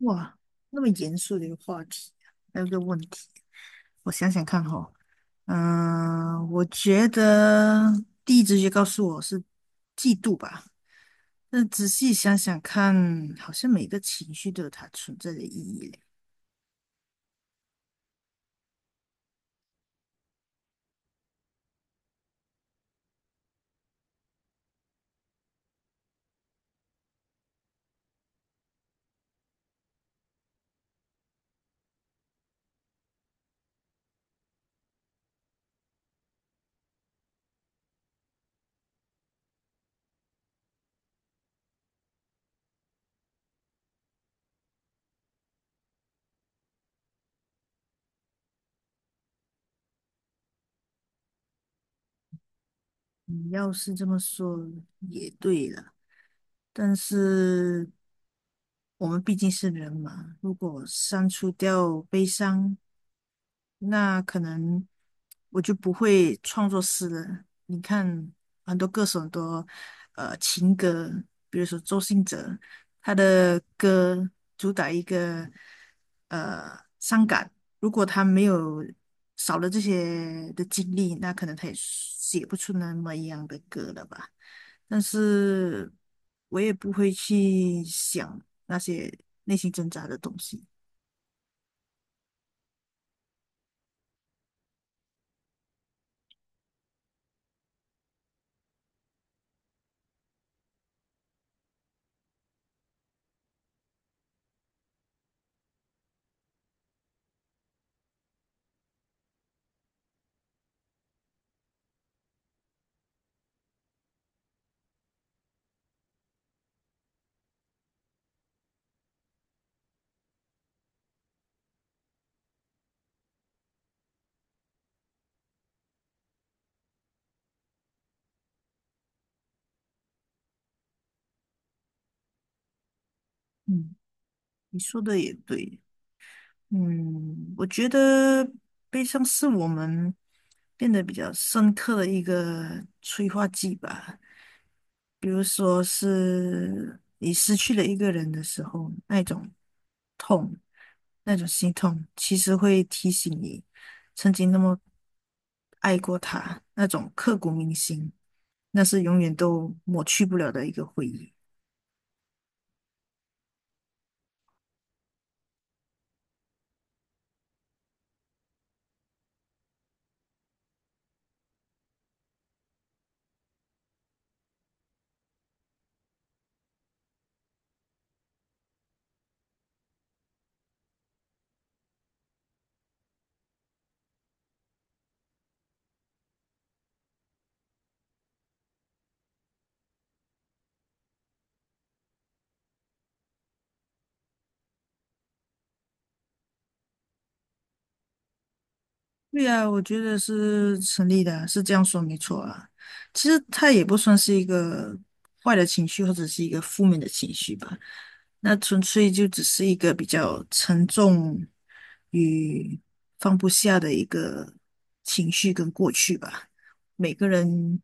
哇，那么严肃的一个话题，还有一个问题。我想想看哈。我觉得第一直觉告诉我是嫉妒吧，但仔细想想看，好像每个情绪都有它存在的意义嘞。你要是这么说也对了，但是我们毕竟是人嘛，如果删除掉悲伤。那可能我就不会创作诗了。你看，很多歌手很多情歌，比如说周兴哲，他的歌主打一个伤感。如果他没有少了这些的经历，那可能他也写不出那么一样的歌了吧。但是我也不会去想那些内心挣扎的东西。嗯，你说的也对。嗯，我觉得悲伤是我们变得比较深刻的一个催化剂吧。比如说是你失去了一个人的时候，那种痛，那种心痛，其实会提醒你曾经那么爱过他，那种刻骨铭心，那是永远都抹去不了的一个回忆。对啊，我觉得是成立的啊，是这样说没错啊。其实它也不算是一个坏的情绪，或者是一个负面的情绪吧。那纯粹就只是一个比较沉重与放不下的一个情绪跟过去吧。每个人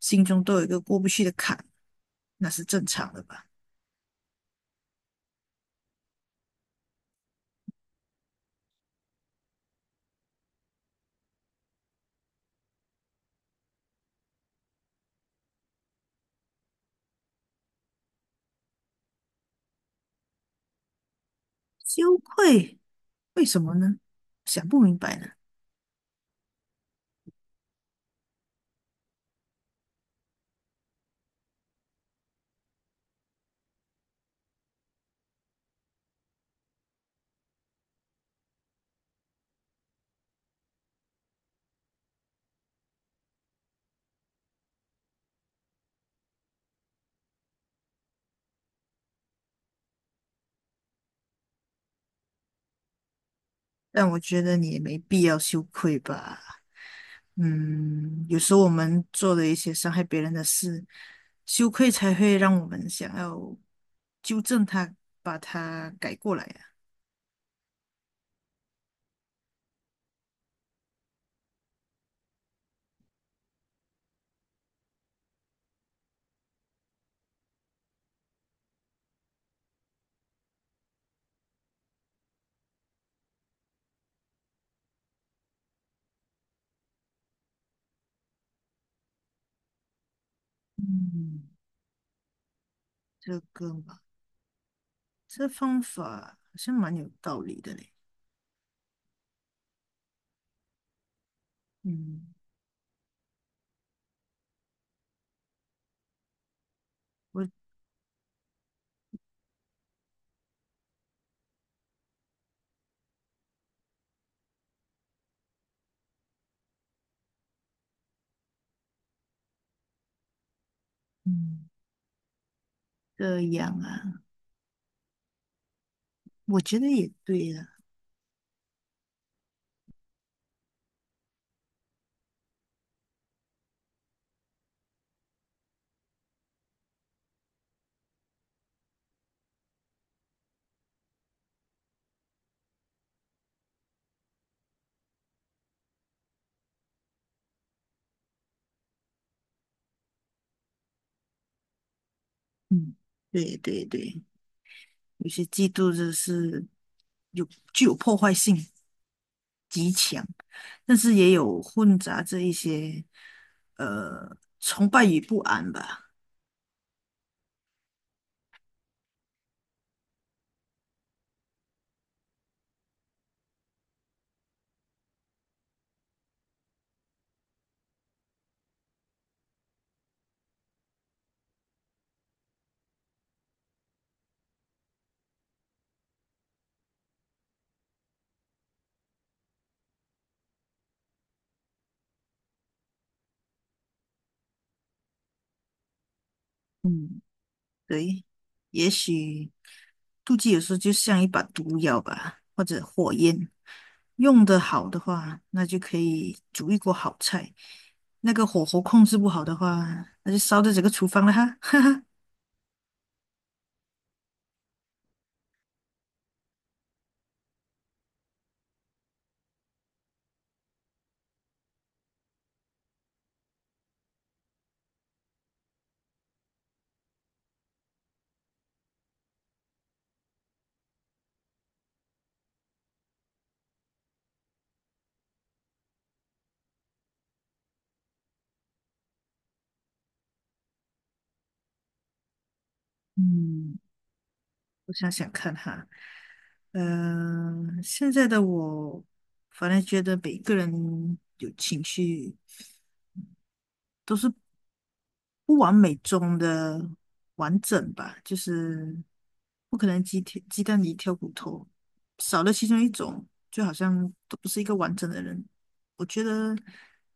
心中都有一个过不去的坎，那是正常的吧。羞愧，为什么呢？想不明白呢。但我觉得你也没必要羞愧吧。嗯，有时候我们做的一些伤害别人的事，羞愧才会让我们想要纠正他，把他改过来呀。嗯，这个嘛，这方法好像蛮有道理的嘞。嗯，我嗯这样啊，我觉得也对啊。嗯，对对对，有些嫉妒就是有具有破坏性极强。但是也有混杂着一些崇拜与不安吧。嗯，对，也许妒忌有时候就像一把毒药吧，或者火焰，用得好的话，那就可以煮一锅好菜；那个火候控制不好的话，那就烧掉整个厨房了哈。嗯我想想看哈。现在的我，反正觉得每个人有情绪都是不完美中的完整吧，就是不可能鸡蛋里挑骨头，少了其中一种，就好像都不是一个完整的人。我觉得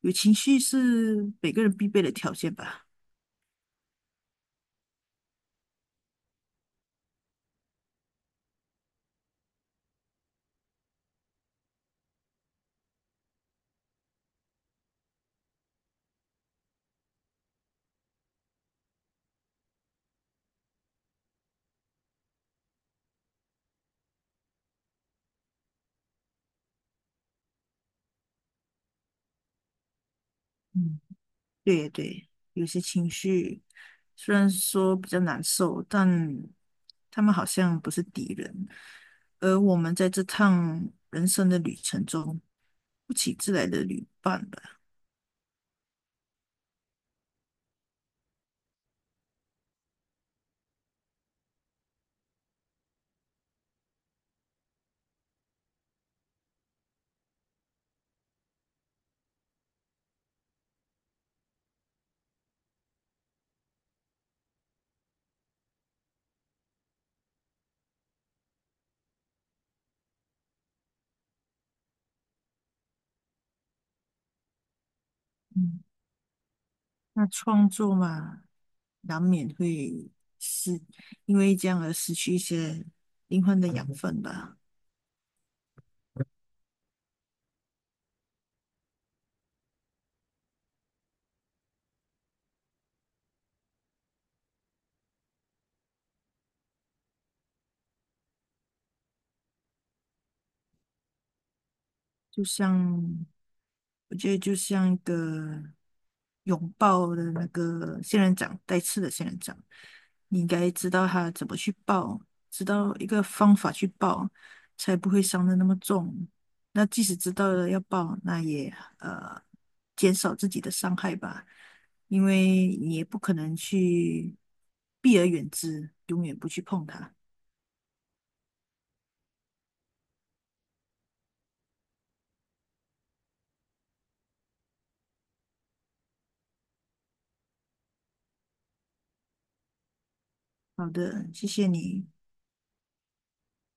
有情绪是每个人必备的条件吧。嗯，对对，有些情绪虽然说比较难受，但他们好像不是敌人，而我们在这趟人生的旅程中，不请自来的旅伴吧。嗯那创作嘛，难免会失，因为这样而失去一些灵魂的养分吧。就像我觉得就像一个拥抱的那个仙人掌，带刺的仙人掌，你应该知道它怎么去抱，知道一个方法去抱，才不会伤的那么重。那即使知道了要抱，那也呃减少自己的伤害吧，因为你也不可能去避而远之，永远不去碰它。好的，谢谢你。